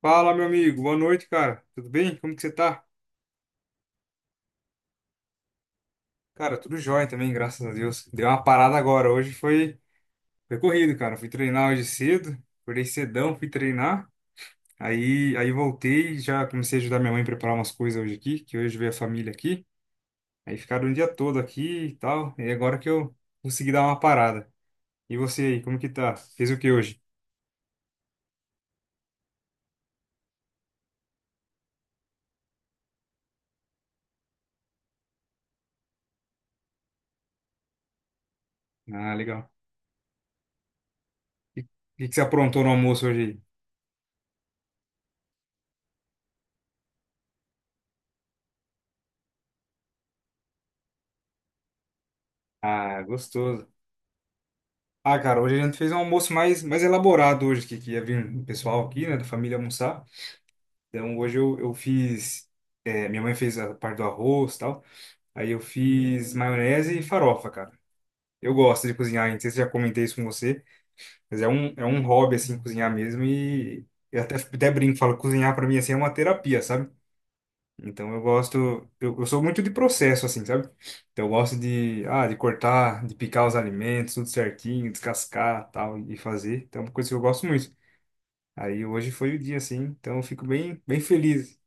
Fala, meu amigo. Boa noite, cara. Tudo bem? Como que você tá? Cara, tudo jóia também, graças a Deus. Deu uma parada agora. Hoje foi, corrido, cara. Fui treinar hoje cedo. Acordei cedão, fui treinar. Aí voltei, já comecei a ajudar minha mãe a preparar umas coisas hoje aqui, que hoje veio a família aqui. Aí ficaram o dia todo aqui e tal. E agora que eu consegui dar uma parada. E você aí, como que tá? Fez o que hoje? Ah, legal. E o que você aprontou no almoço hoje aí? Ah, gostoso. Ah, cara, hoje a gente fez um almoço mais elaborado hoje, que ia vir o pessoal aqui, né, da família almoçar. Então hoje eu fiz, minha mãe fez a parte do arroz e tal, aí eu fiz maionese e farofa, cara. Eu gosto de cozinhar, não sei se já comentei isso com você, mas é um hobby, assim, cozinhar mesmo e eu até brinco, falo, cozinhar pra mim, assim, é uma terapia, sabe? Então eu gosto, eu sou muito de processo, assim, sabe? Então eu gosto de, ah, de cortar, de picar os alimentos, tudo certinho, descascar, tal, e fazer. Então é uma coisa que eu gosto muito. Aí hoje foi o dia, assim, então eu fico bem feliz.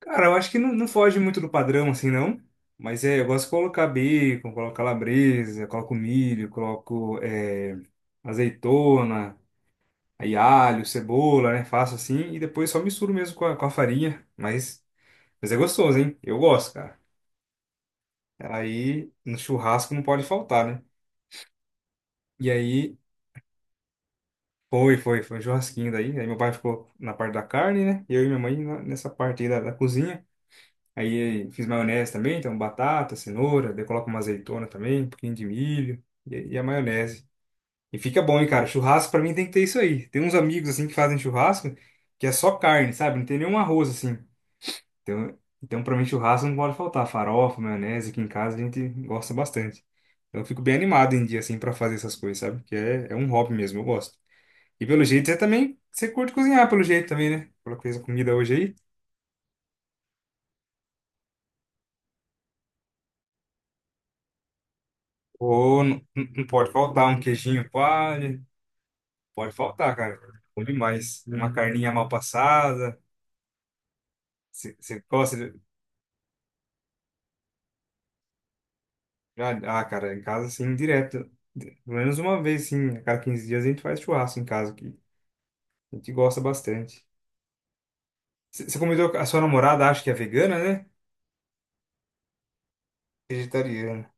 Cara, eu acho que não foge muito do padrão, assim, não. Mas é, eu gosto de colocar bacon, coloco calabresa, coloco milho, coloco azeitona, aí alho, cebola, né? Faço assim e depois só misturo mesmo com com a farinha. Mas é gostoso, hein? Eu gosto, cara. Aí no churrasco não pode faltar, né? E aí foi um churrasquinho daí. Aí meu pai ficou na parte da carne, né? E eu e minha mãe nessa parte aí da cozinha. Aí fiz maionese também, então batata, cenoura, daí coloco uma azeitona também, um pouquinho de milho e a maionese. E fica bom, hein, cara? Churrasco pra mim tem que ter isso aí. Tem uns amigos assim que fazem churrasco que é só carne, sabe? Não tem nenhum arroz assim. Então para mim, churrasco não pode faltar. Farofa, maionese, aqui em casa a gente gosta bastante. Então, eu fico bem animado em dia, assim, para fazer essas coisas, sabe? Que é um hobby mesmo, eu gosto. E pelo jeito, você também, você curte cozinhar, pelo jeito também, né? Pela coisa comida hoje aí. Ou não, não pode faltar um queijinho palha. Pode faltar, cara. Bom demais. Uma carninha mal passada. Você gosta de... Ah, ah, cara, em casa, assim, direto. Pelo menos uma vez, sim. A cada 15 dias a gente faz churrasco em casa aqui. A gente gosta bastante. Você comentou que a sua namorada acha que é vegana, né? Vegetariana.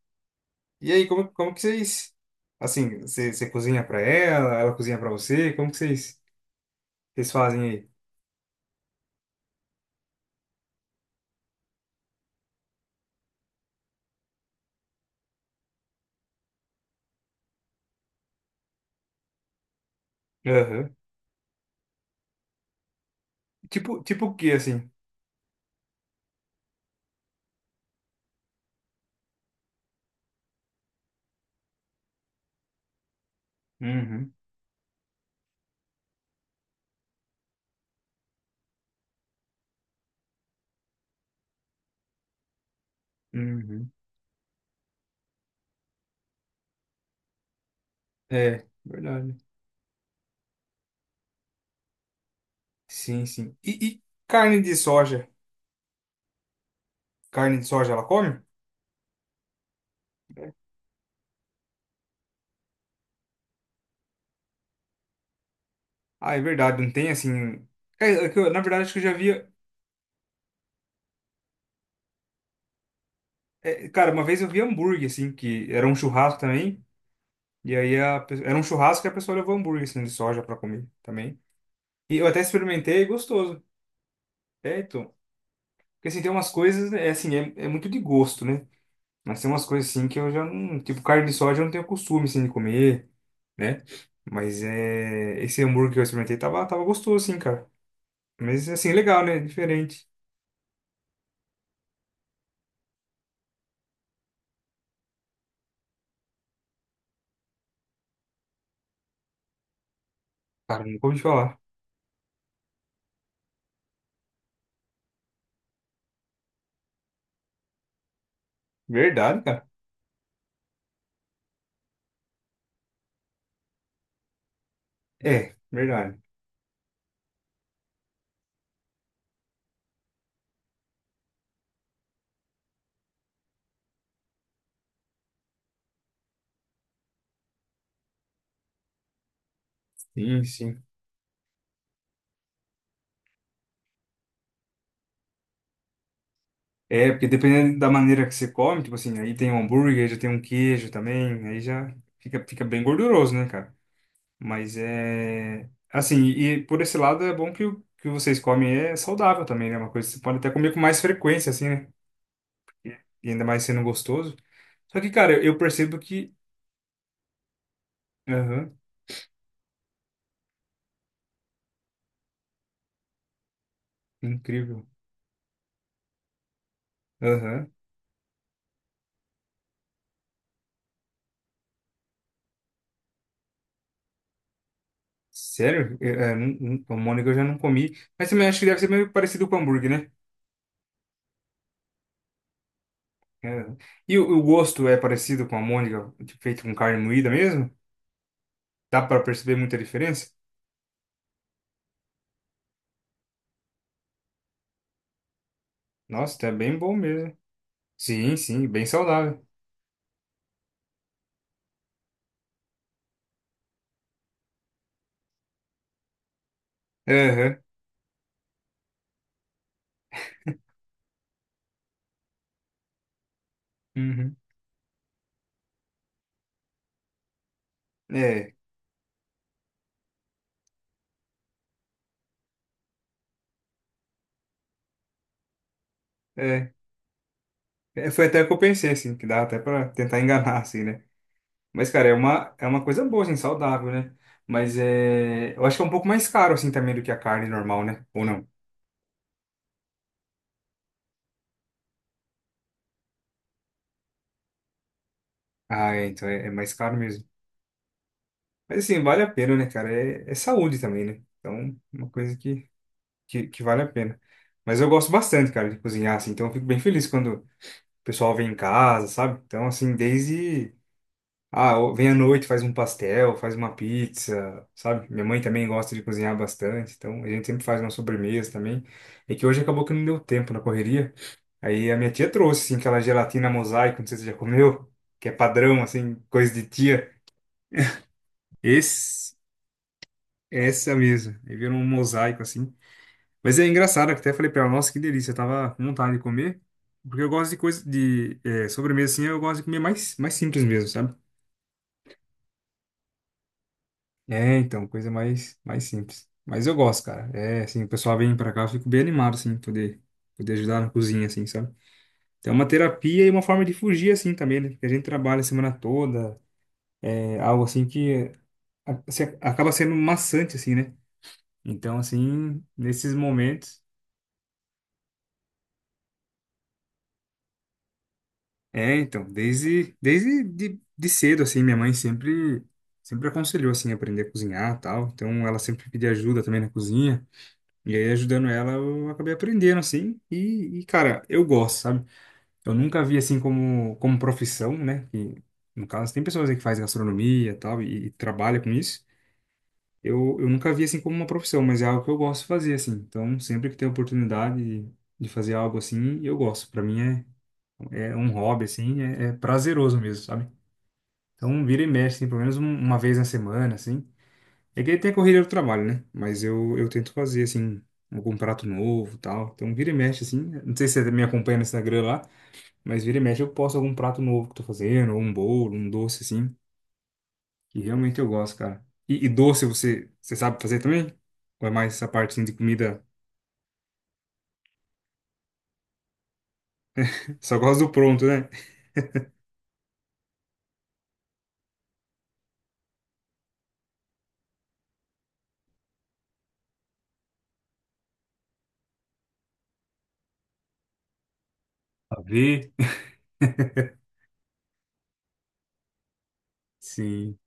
E aí, como que vocês. Assim, você cozinha pra ela, ela cozinha pra você? Como que vocês fazem aí? Aham. Tipo, tipo o quê, assim? Uhum, uhum. É, verdade. Sim, sim. E carne de soja? Carne de soja ela come? Ah, é verdade, não tem assim. É, é que na verdade, acho que eu já via. É, cara, uma vez eu vi hambúrguer, assim, que era um churrasco também. E aí era um churrasco e a pessoa levou hambúrguer, assim, de soja pra comer também. E eu até experimentei, é gostoso. É, então. Porque assim, tem umas coisas, é assim, é muito de gosto, né? Mas tem umas coisas assim que eu já não. Tipo, carne de soja eu não tenho costume assim de comer, né? Mas é. Esse hambúrguer que eu experimentei tava gostoso, assim, cara. Mas assim, legal, né? Diferente. Cara, nunca ouvi falar. Verdade, cara. É, verdade. Sim, sim. É, porque dependendo da maneira que você come, tipo assim, aí tem um hambúrguer, já tem um queijo também, aí já fica bem gorduroso, né, cara? Mas é. Assim, e por esse lado é bom que o que vocês comem é saudável também, né? É uma coisa que você pode até comer com mais frequência, assim, né? E ainda mais sendo gostoso. Só que, cara, eu percebo que. Aham, incrível. Aham. Sério? Eu, é, o Mônica eu já não comi. Mas também acho que deve ser meio parecido com hambúrguer, né? É. E o gosto é parecido com a Mônica, tipo, feito com carne moída mesmo? Dá pra perceber muita diferença? Nossa, tá bem bom mesmo. Sim, sim, bem saudável. Aham. Uhum. É. É, É, foi até o que eu pensei, assim, que dá até pra tentar enganar, assim, né? Mas, cara, é uma coisa boa, assim, saudável, né? Mas é, eu acho que é um pouco mais caro, assim, também do que a carne normal, né? Ou não? Ah, é, então é mais caro mesmo. Mas, assim, vale a pena, né, cara? É, é saúde também, né? Então, uma coisa que vale a pena. Mas eu gosto bastante, cara, de cozinhar, assim, então eu fico bem feliz quando o pessoal vem em casa, sabe? Então, assim, desde. Ah, ou vem à noite, faz um pastel, faz uma pizza, sabe? Minha mãe também gosta de cozinhar bastante, então a gente sempre faz uma sobremesa também. É que hoje acabou que não deu tempo na correria. Aí a minha tia trouxe, assim, aquela gelatina mosaico, não sei se você já comeu, que é padrão, assim, coisa de tia. Esse, essa mesmo. Aí virou um mosaico, assim. Mas é engraçado, que até falei pra ela, nossa, que delícia, eu tava com vontade de comer. Porque eu gosto de coisa, de sobremesa, assim, eu gosto de comer mais simples mesmo, sabe? É, então, coisa mais simples. Mas eu gosto, cara. É, assim, o pessoal vem pra cá, eu fico bem animado, assim, poder ajudar na cozinha, assim, sabe? Então, é uma terapia e uma forma de fugir, assim, também, né? Porque a gente trabalha a semana toda, é algo assim que acaba sendo maçante, assim, né? Então, assim, nesses momentos. É, então, de cedo, assim, sempre aconselhou, assim, aprender a cozinhar e tal. Então, ela sempre pedia ajuda também na cozinha. E aí, ajudando ela, eu acabei aprendendo, assim. Cara, eu gosto, sabe? Eu nunca vi, assim, como profissão, né? Que, no caso, tem pessoas aí que fazem gastronomia e tal, e trabalha com isso. Eu nunca vi, assim, como uma profissão, mas é algo que eu gosto de fazer, assim. Então, sempre que tem oportunidade de fazer algo assim, eu gosto. Pra mim, é um hobby, assim, é prazeroso mesmo, sabe? Então, vira e mexe, assim, pelo menos uma vez na semana, assim. É que tem a correria do trabalho, né? Mas eu tento fazer, assim, algum prato novo e tal. Então, vira e mexe, assim. Não sei se você me acompanha no Instagram lá, mas vira e mexe eu posto algum prato novo que eu tô fazendo, ou um bolo, um doce, assim. Que realmente eu gosto, cara. E doce você sabe fazer também? Ou é mais essa parte, assim, de comida? Só gosta do pronto, né? Ver? Sim,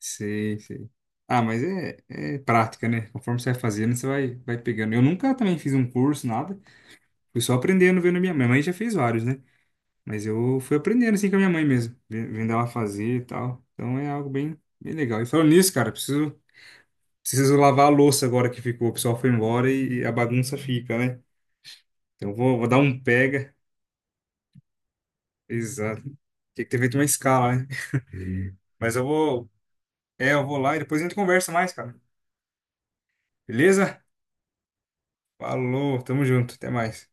sei, sei. Ah, mas é, é prática, né? Conforme você vai fazendo, vai pegando. Eu nunca também fiz um curso, nada. Fui só aprendendo vendo minha mãe. Minha mãe já fez vários, né? Mas eu fui aprendendo assim com a minha mãe mesmo, vendo ela fazer e tal. Então é algo bem legal. E falando nisso, cara, preciso lavar a louça agora que ficou. O pessoal foi embora e a bagunça fica, né? Então vou dar um pega. Exato. Tinha que ter feito uma escala, né? Mas eu vou, é, eu vou lá e depois a gente conversa mais, cara. Beleza? Falou, tamo junto, até mais.